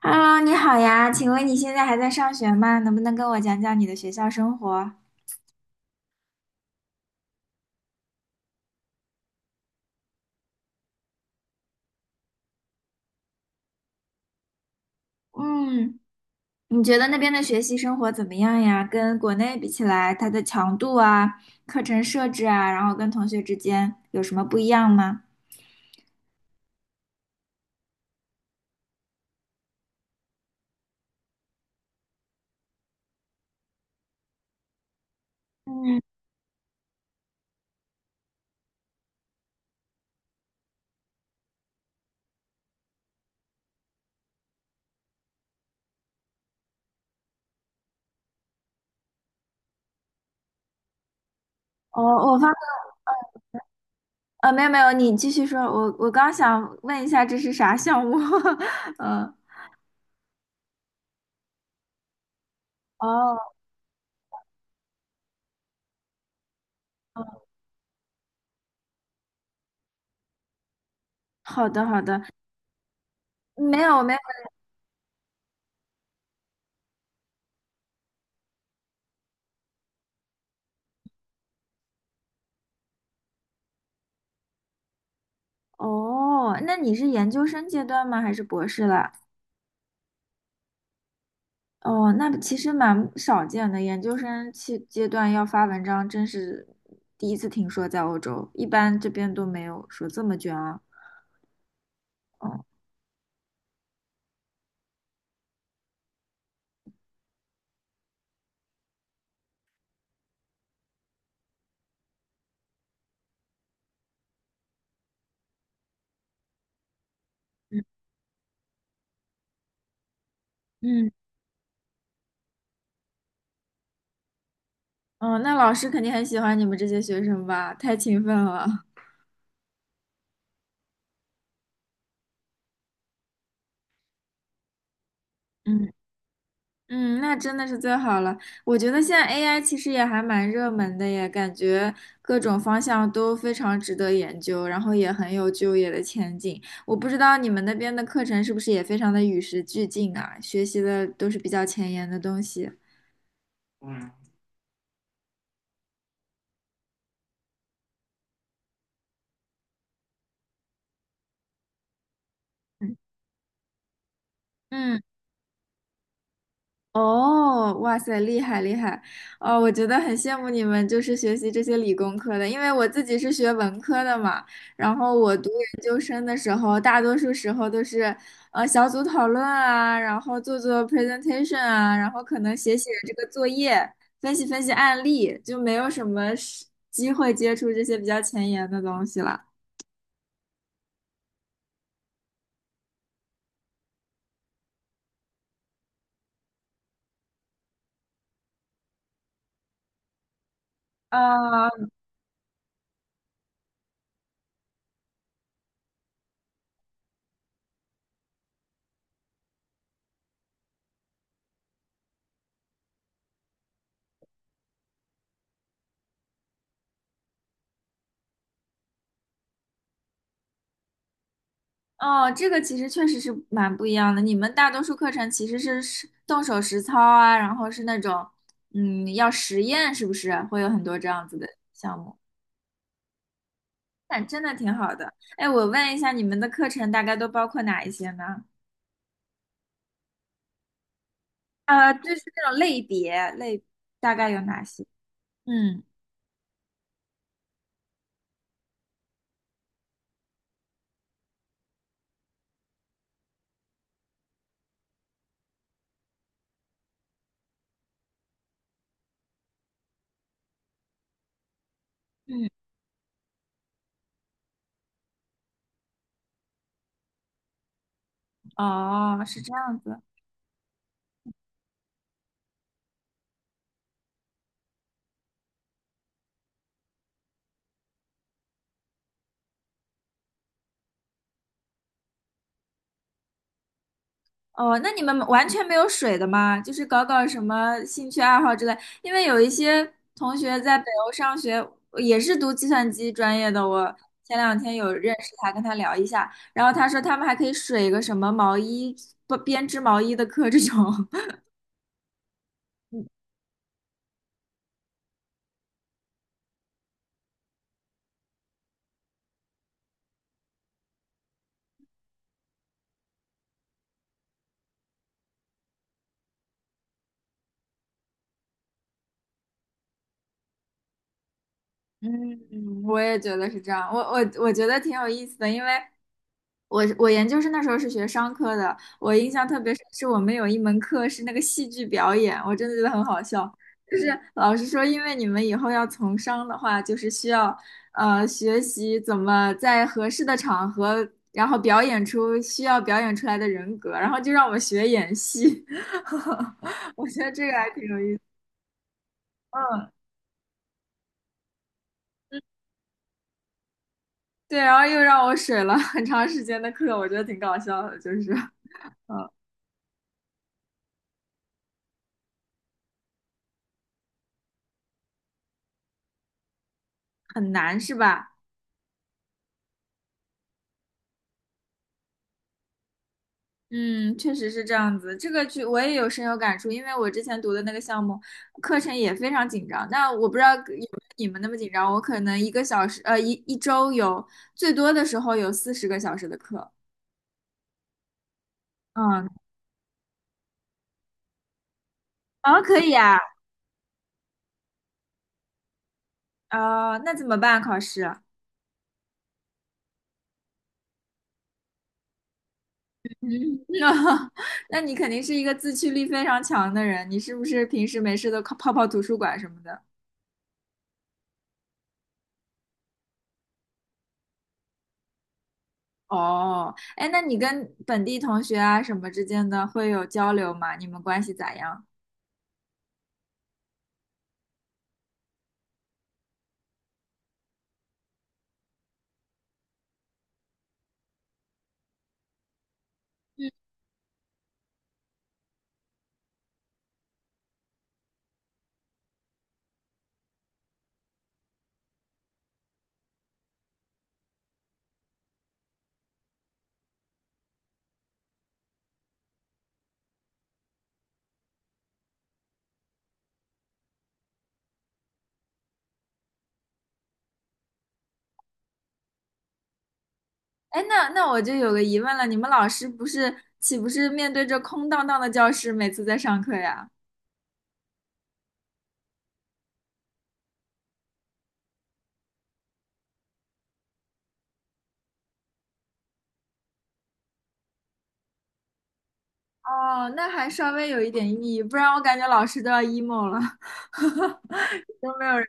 Hello，你好呀，请问你现在还在上学吗？能不能跟我讲讲你的学校生活？嗯，你觉得那边的学习生活怎么样呀？跟国内比起来，它的强度啊、课程设置啊，然后跟同学之间有什么不一样吗？嗯，我我没有没有，你继续说，我刚想问一下这是啥项目？嗯，哦，好的好的，没有没有，哦，那你是研究生阶段吗？还是博士了？哦，那其实蛮少见的，研究生期阶段要发文章，真是第一次听说在欧洲，一般这边都没有说这么卷啊。哦，嗯嗯，哦，那老师肯定很喜欢你们这些学生吧？太勤奋了。嗯。嗯，那真的是最好了。我觉得现在 AI 其实也还蛮热门的耶，感觉各种方向都非常值得研究，然后也很有就业的前景。我不知道你们那边的课程是不是也非常的与时俱进啊，学习的都是比较前沿的东西。嗯。嗯哦，哇塞，厉害厉害！哦，我觉得很羡慕你们，就是学习这些理工科的，因为我自己是学文科的嘛。然后我读研究生的时候，大多数时候都是小组讨论啊，然后做做 presentation 啊，然后可能写写这个作业，分析分析案例，就没有什么是机会接触这些比较前沿的东西了。啊，哦，这个其实确实是蛮不一样的。你们大多数课程其实是实动手实操啊，然后是那种，嗯，要实验，是不是会有很多这样子的项目？那真的挺好的。哎，我问一下，你们的课程大概都包括哪一些呢？啊，就是那种类别类，大概有哪些？嗯嗯，哦，是这样子。哦，那你们完全没有水的吗？就是搞搞什么兴趣爱好之类。因为有一些同学在北欧上学，也是读计算机专业的。我前两天有认识他，跟他聊一下，然后他说他们还可以水个什么毛衣，不编织毛衣的课这种。嗯，我也觉得是这样。我觉得挺有意思的，因为我研究生那时候是学商科的，我印象特别深，是我们有一门课是那个戏剧表演，我真的觉得很好笑。就是老师说，因为你们以后要从商的话，就是需要学习怎么在合适的场合，然后表演出需要表演出来的人格，然后就让我们学演戏。我觉得这个还挺有意思。嗯，对，然后又让我水了很长时间的课，我觉得挺搞笑的，就是嗯很难是吧？嗯，确实是这样子，这个剧我也有深有感触，因为我之前读的那个项目课程也非常紧张。那我不知道有没有你们那么紧张，我可能一个小时，一周有最多的时候有40个小时的课。嗯，啊可以啊，啊那怎么办？考试？嗯，那你肯定是一个自驱力非常强的人，你是不是平时没事都泡泡图书馆什么的？哦，哎，那你跟本地同学啊什么之间的会有交流吗？你们关系咋样？哎，那我就有个疑问了，你们老师不是岂不是面对着空荡荡的教室每次在上课呀？哦，那还稍微有一点意义，不然我感觉老师都要 emo 了，都没有人。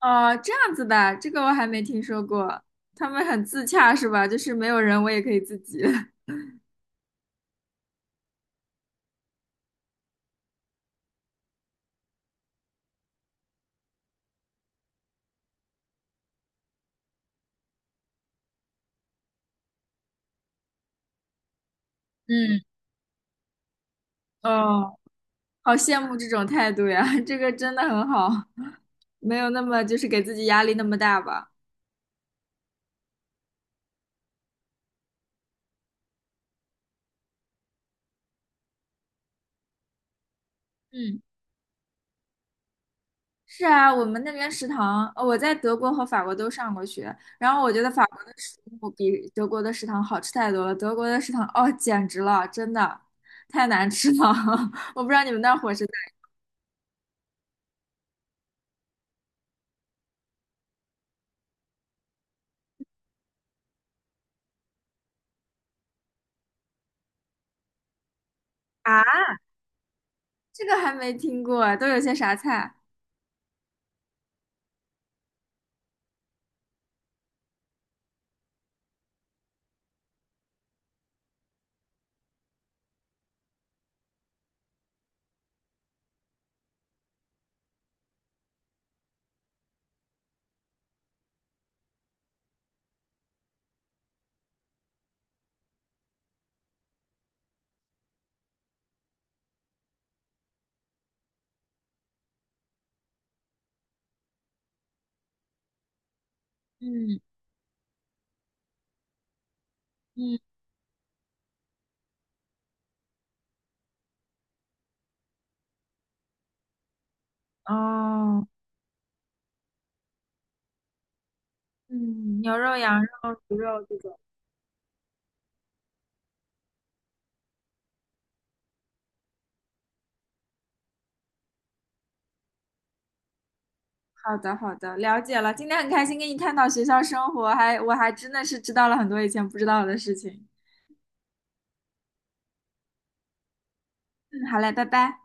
哦，这样子的，这个我还没听说过，他们很自洽是吧？就是没有人我也可以自己。嗯，哦，好羡慕这种态度呀，这个真的很好，没有那么就是给自己压力那么大吧。嗯。是啊，我们那边食堂，我在德国和法国都上过学，然后我觉得法国的食物比德国的食堂好吃太多了。德国的食堂，哦，简直了，真的太难吃了。我不知道你们那儿伙食咋样啊？这个还没听过，都有些啥菜？嗯嗯，哦，嗯，牛肉、羊肉、猪肉这种。好的好的，了解了。今天很开心跟你探讨学校生活，还我还真的是知道了很多以前不知道的事情。嗯，好嘞，拜拜。